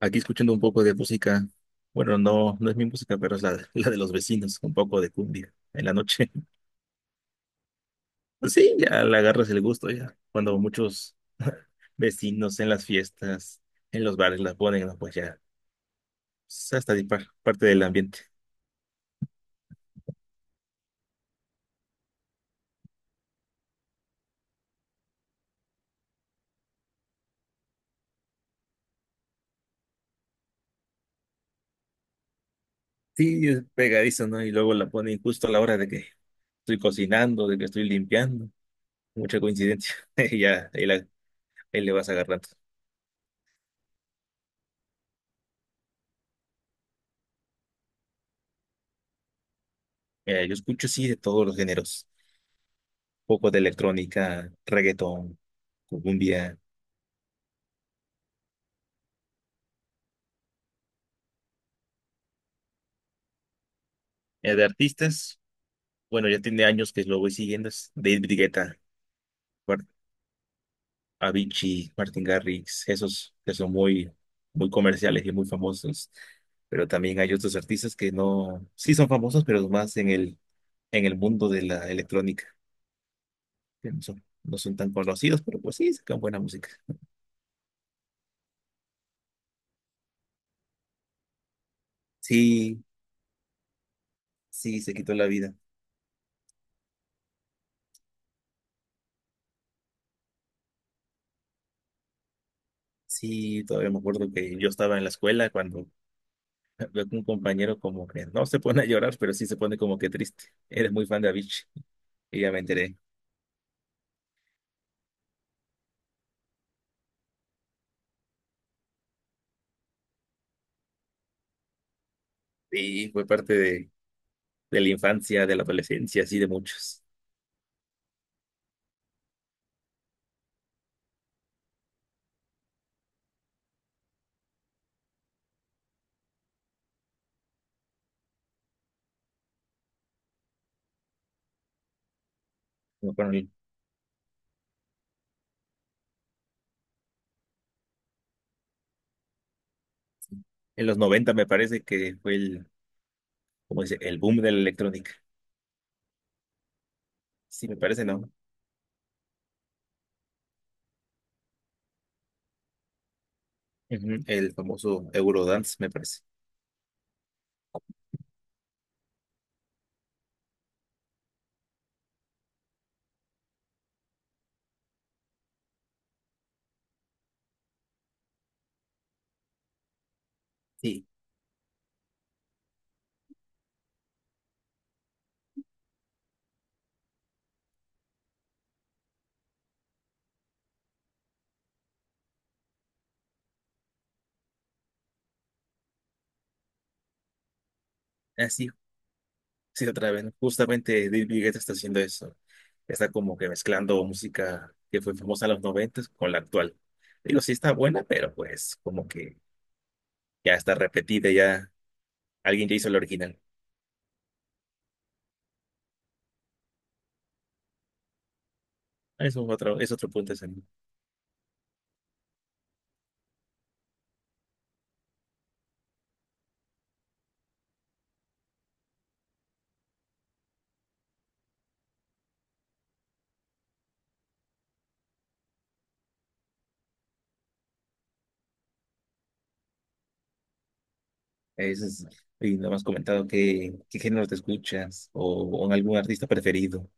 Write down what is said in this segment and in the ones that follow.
Aquí escuchando un poco de música. Bueno, no es mi música, pero es la, la de los vecinos, un poco de cumbia en la noche. Pues sí, ya le agarras el gusto ya. Cuando muchos vecinos en las fiestas, en los bares la ponen, ¿no? Pues ya, es hasta parte del ambiente. Sí, es pegadizo, ¿no? Y luego la ponen justo a la hora de que estoy cocinando, de que estoy limpiando. Mucha coincidencia. Y ya, ahí, ahí le vas agarrando. Mira, yo escucho sí de todos los géneros. Poco de electrónica, reggaetón, cumbia. De artistas, bueno, ya tiene años que lo voy siguiendo, es David Guetta, Mar- Avicii, Martin Garrix, esos que son muy, muy comerciales y muy famosos, pero también hay otros artistas que no, sí son famosos, pero más en el, mundo de la electrónica, que no son tan conocidos, pero pues sí, sacan buena música. Sí, sí, se quitó la vida. Sí, todavía me acuerdo que yo estaba en la escuela cuando veo que un compañero como que no se pone a llorar, pero sí se pone como que triste. Eres muy fan de Avicii. Y ya me enteré. Sí fue parte de, la infancia, de la adolescencia, así de muchos. Me acuerdo en los 90 me parece que fue el, como dice, el boom de la electrónica. Sí, me parece, ¿no? Ujú, el famoso Eurodance, me parece. Sí, así, sí, otra vez. Justamente David Guetta está haciendo eso. Está como que mezclando música que fue famosa en los 90 con la actual. Digo, sí está buena, pero pues como que ya está repetida, ya alguien ya hizo la original. Eso es otro punto ese, ¿no? Eso es, y no me has comentado qué, género te escuchas o algún artista preferido.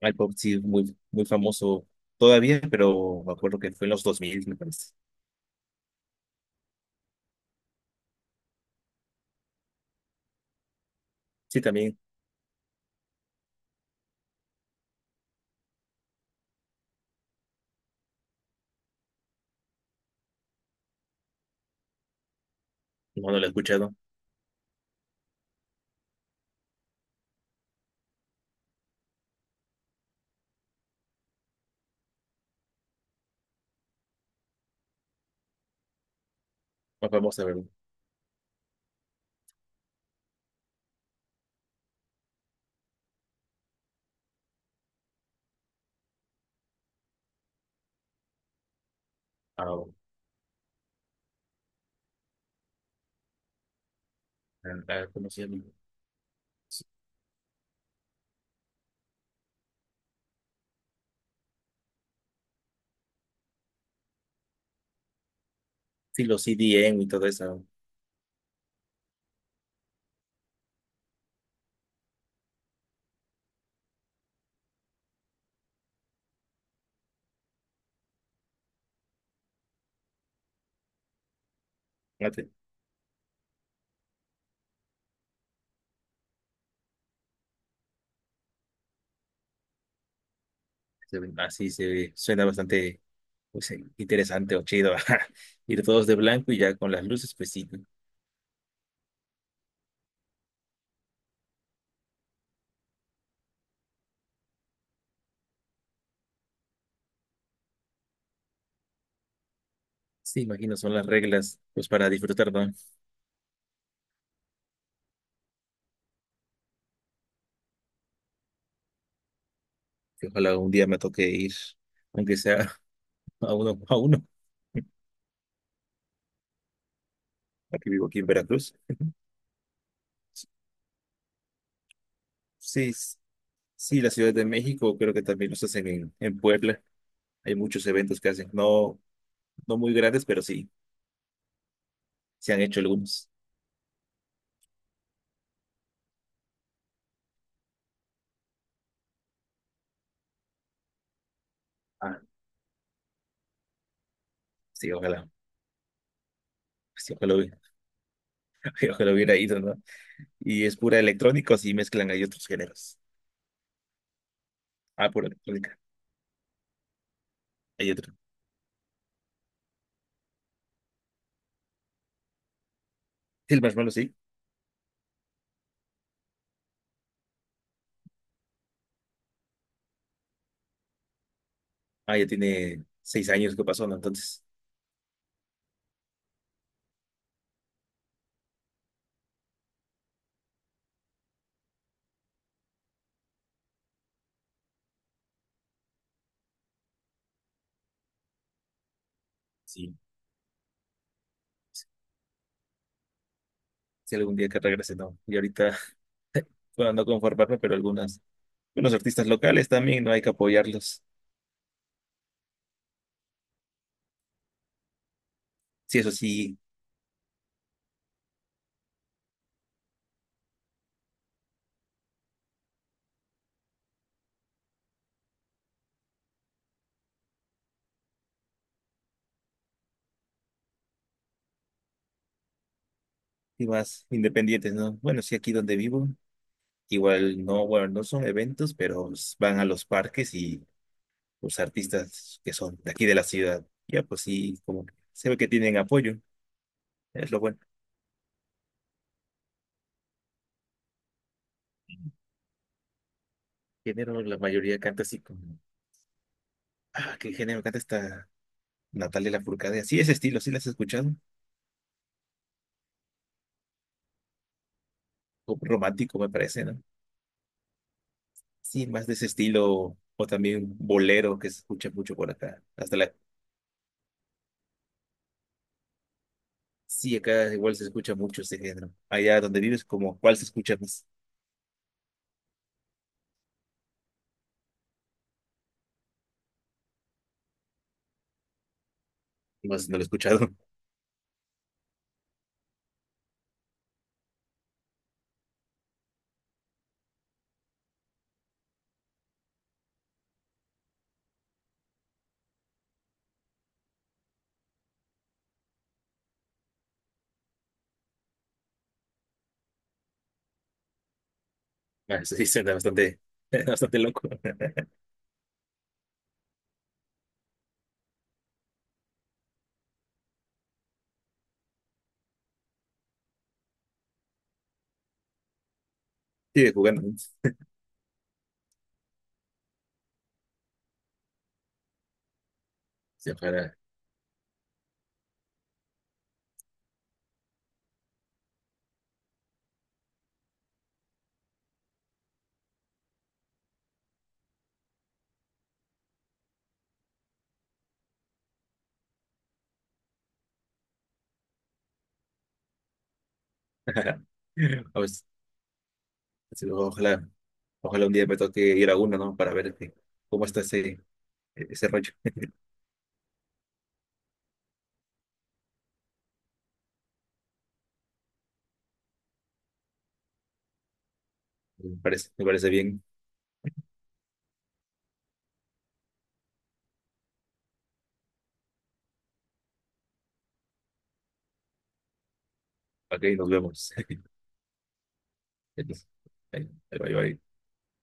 El pop sí es muy, muy famoso todavía, pero me acuerdo que fue en los 2000 me parece. Sí, también, no, no lo he escuchado. Más famoso, a ver, a, ¿cómo se llama? Sí, los CDN y todo eso. Ah, te- se ve- Así se ve- suena bastante pues, interesante o chido. Ir todos de blanco y ya con las luces, pues sí. Sí, imagino, son las reglas pues para disfrutar, ¿no? Que ojalá un día me toque ir aunque sea a uno, a uno. Aquí vivo aquí en Veracruz. Sí, sí, la Ciudad de México creo que también los hacen en Puebla. Hay muchos eventos que hacen, no, no muy grandes, pero sí, se han hecho algunos. Ah, sí, ojalá, sí, ojalá, ojalá hubiera ido, ¿no? Y es pura electrónica, o sí mezclan, hay otros géneros. Ah, pura electrónica, hay otro. Sí, el Marshmallow, sí. Ah, ya tiene 6 años que pasó, ¿no? Entonces, sí, si algún día que regrese, ¿no? Y ahorita, bueno, no conformarme, pero algunos artistas locales también, no hay que apoyarlos. Sí, eso sí, sí más independientes, ¿no? Bueno, sí, aquí donde vivo, igual no, bueno, no son eventos, pero van a los parques y los artistas que son de aquí de la ciudad, ya pues sí, como que se ve que tienen apoyo, es lo bueno. Género, la mayoría canta así como, ah, ¿qué género canta esta Natalia Lafourcade? Así ese estilo, ¿sí la has escuchado? Como romántico me parece, ¿no? Sí, más de ese estilo, o también bolero que se escucha mucho por acá, hasta la. Sí, acá igual se escucha mucho este género. Allá donde vives, como, ¿cuál se escucha más? No sé, si no lo he escuchado. Ah, sí, suena bastante, bastante loco. Sigue jugando, ¿no? Sí, ojalá. A ver, sí, ojalá, ojalá un día me toque ir a uno, ¿no? Para ver cómo está ese rollo. Me parece bien. Ok, nos vemos. Entonces, ahí va, ahí va.